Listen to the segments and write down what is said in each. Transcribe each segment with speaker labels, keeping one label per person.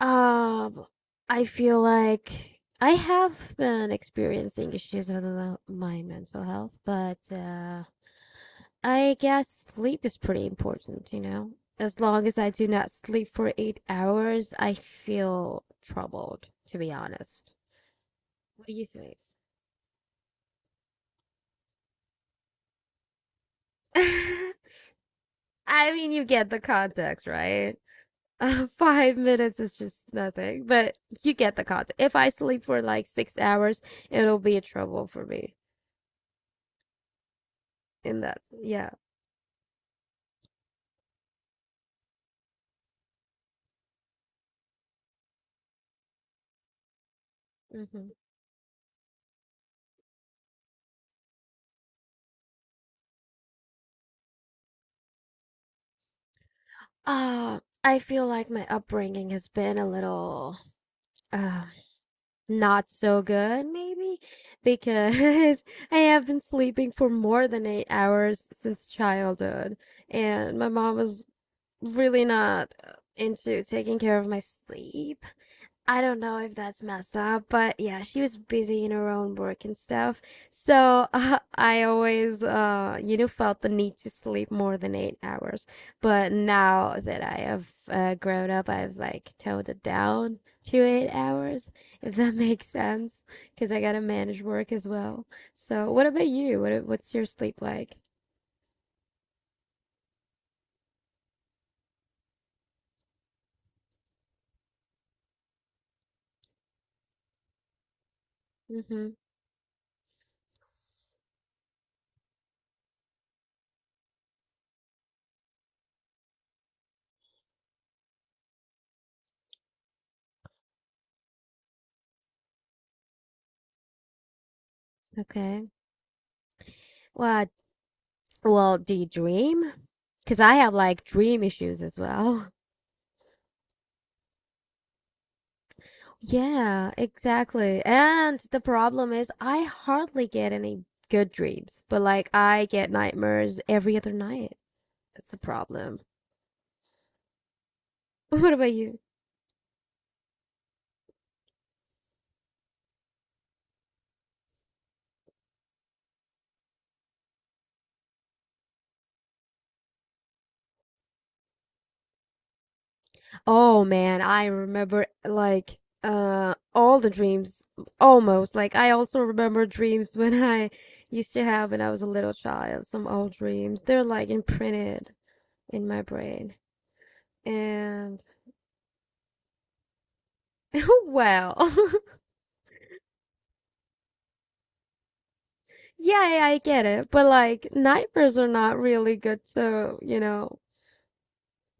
Speaker 1: Um, I feel like I have been experiencing issues with my mental health, but I guess sleep is pretty important, you know? As long as I do not sleep for 8 hours, I feel troubled, to be honest. What do you think? I mean, you get the context, right? 5 minutes is just nothing, but you get the context. If I sleep for like 6 hours, it'll be a trouble for me in that. Yeah. Mm-hmm. I feel like my upbringing has been a little uh, not so good, maybe, because I have been sleeping for more than 8 hours since childhood, and my mom was really not into taking care of my sleep. I don't know if that's messed up, but yeah, she was busy in her own work and stuff. So I always, felt the need to sleep more than 8 hours. But now that I have grown up, I've like toned it down to 8 hours, if that makes sense, because I gotta manage work as well. So what about you? What's your sleep like? Mm-hmm. Okay. Well, well, do you dream? Because I have like dream issues as well. Yeah, exactly. And the problem is, I hardly get any good dreams, but like I get nightmares every other night. That's a problem. What about you? Oh man, I remember like all the dreams almost. Like I also remember dreams when I used to have when I was a little child, some old dreams. They're like imprinted in my brain. And well, yeah, yeah, I get it. But like nightmares are not really good to, you know,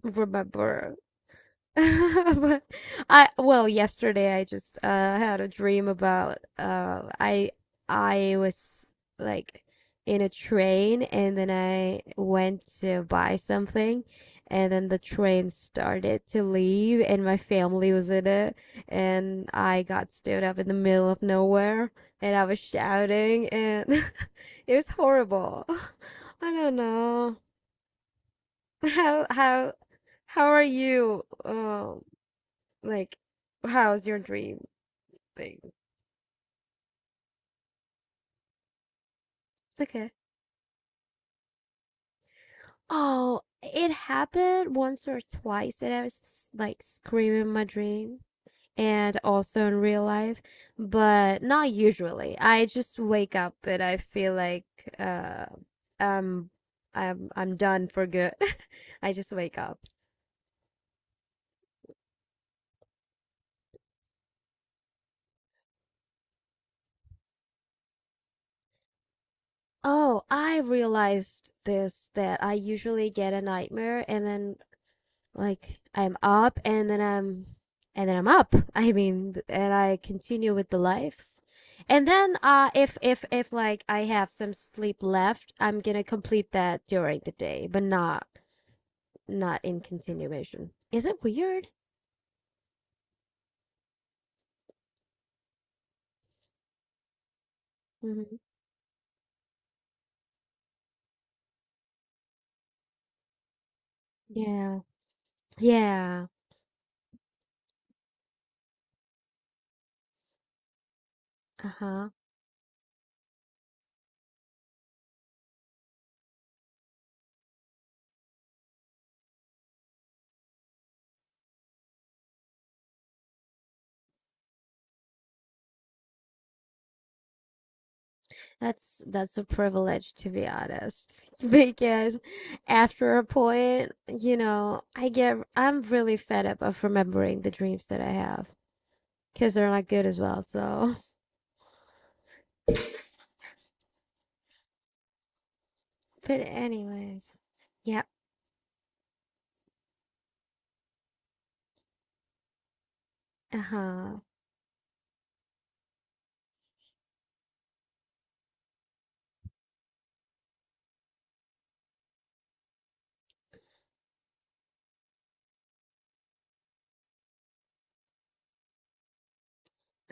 Speaker 1: remember. But yesterday I just had a dream about I was like in a train and then I went to buy something and then the train started to leave and my family was in it and I got stood up in the middle of nowhere and I was shouting and it was horrible. I don't know. How how how are you? Like, how's your dream thing? Okay. Oh, it happened once or twice that I was like screaming my dream and also in real life, but not usually. I just wake up and I feel like uh um I'm done for good. I just wake up. Oh, I realized this that I usually get a nightmare and then like I'm up and then I'm up. I mean, and I continue with the life. And then if like I have some sleep left, I'm gonna complete that during the day, but not in continuation. Is it weird? hmm Yeah. Yeah. Uh-huh. That's a privilege to be honest. Because after a point, you know, I'm really fed up of remembering the dreams that I have because they're not good as well. So, but anyways. Yep. Uh-huh.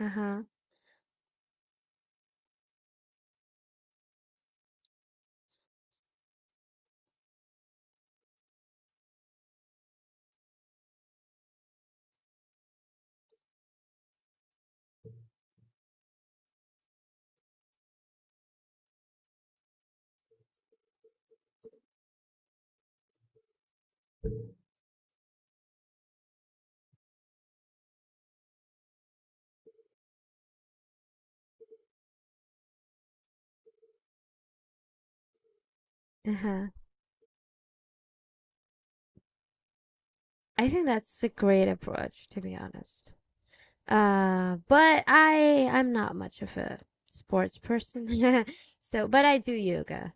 Speaker 1: Uh-huh. Uh-huh. I think that's a great approach to be honest. But I'm not much of a sports person. So, but I do yoga.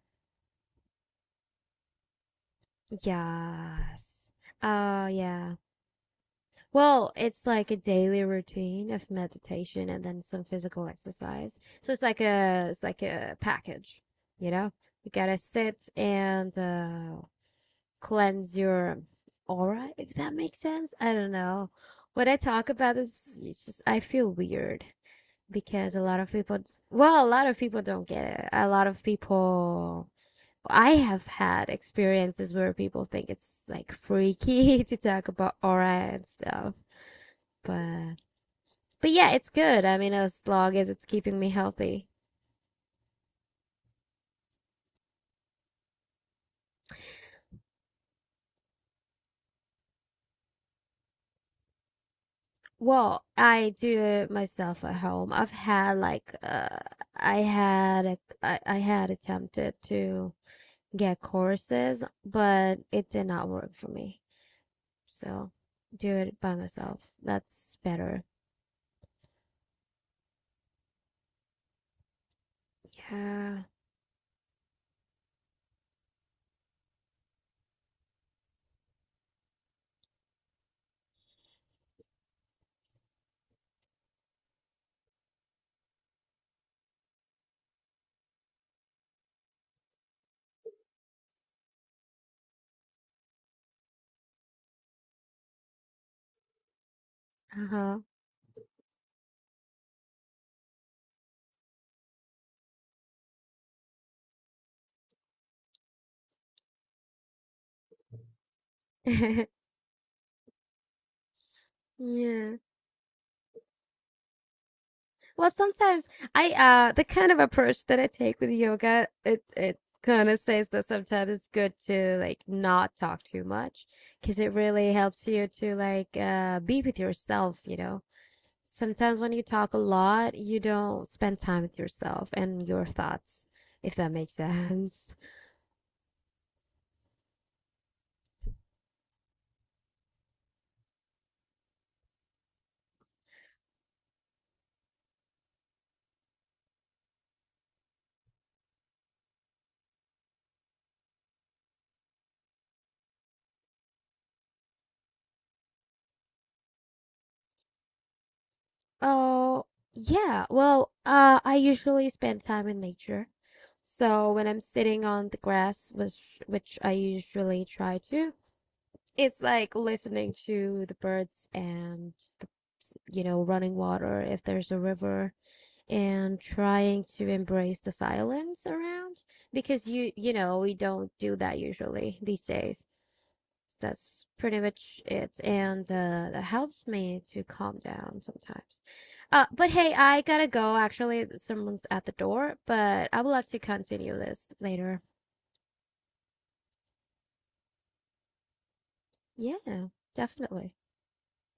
Speaker 1: Yes. Oh, yeah. Well, it's like a daily routine of meditation and then some physical exercise. So it's like a package, you know? You gotta sit and cleanse your aura, if that makes sense. I don't know. When I talk about this, it's just I feel weird because a lot of people, well, a lot of people don't get it. A lot of people I have had experiences where people think it's like freaky to talk about aura and stuff, but yeah, it's good. I mean, as long as it's keeping me healthy. Well, I do it myself at home. I had attempted to get courses, but it did not work for me. So, do it by myself. That's better. Yeah. Uh-huh. Yeah. Well, sometimes I the kind of approach that I take with yoga, it kind of says that sometimes it's good to like not talk too much because it really helps you to like be with yourself, you know. Sometimes when you talk a lot, you don't spend time with yourself and your thoughts, if that makes sense. Oh, yeah. Well, I usually spend time in nature. So when I'm sitting on the grass, which I usually try to, it's like listening to the birds and the, you know, running water if there's a river, and trying to embrace the silence around because you know, we don't do that usually these days. So that's pretty much it, and that helps me to calm down sometimes. But hey, I gotta go, actually. Someone's at the door, but I will have to continue this later. Yeah, definitely.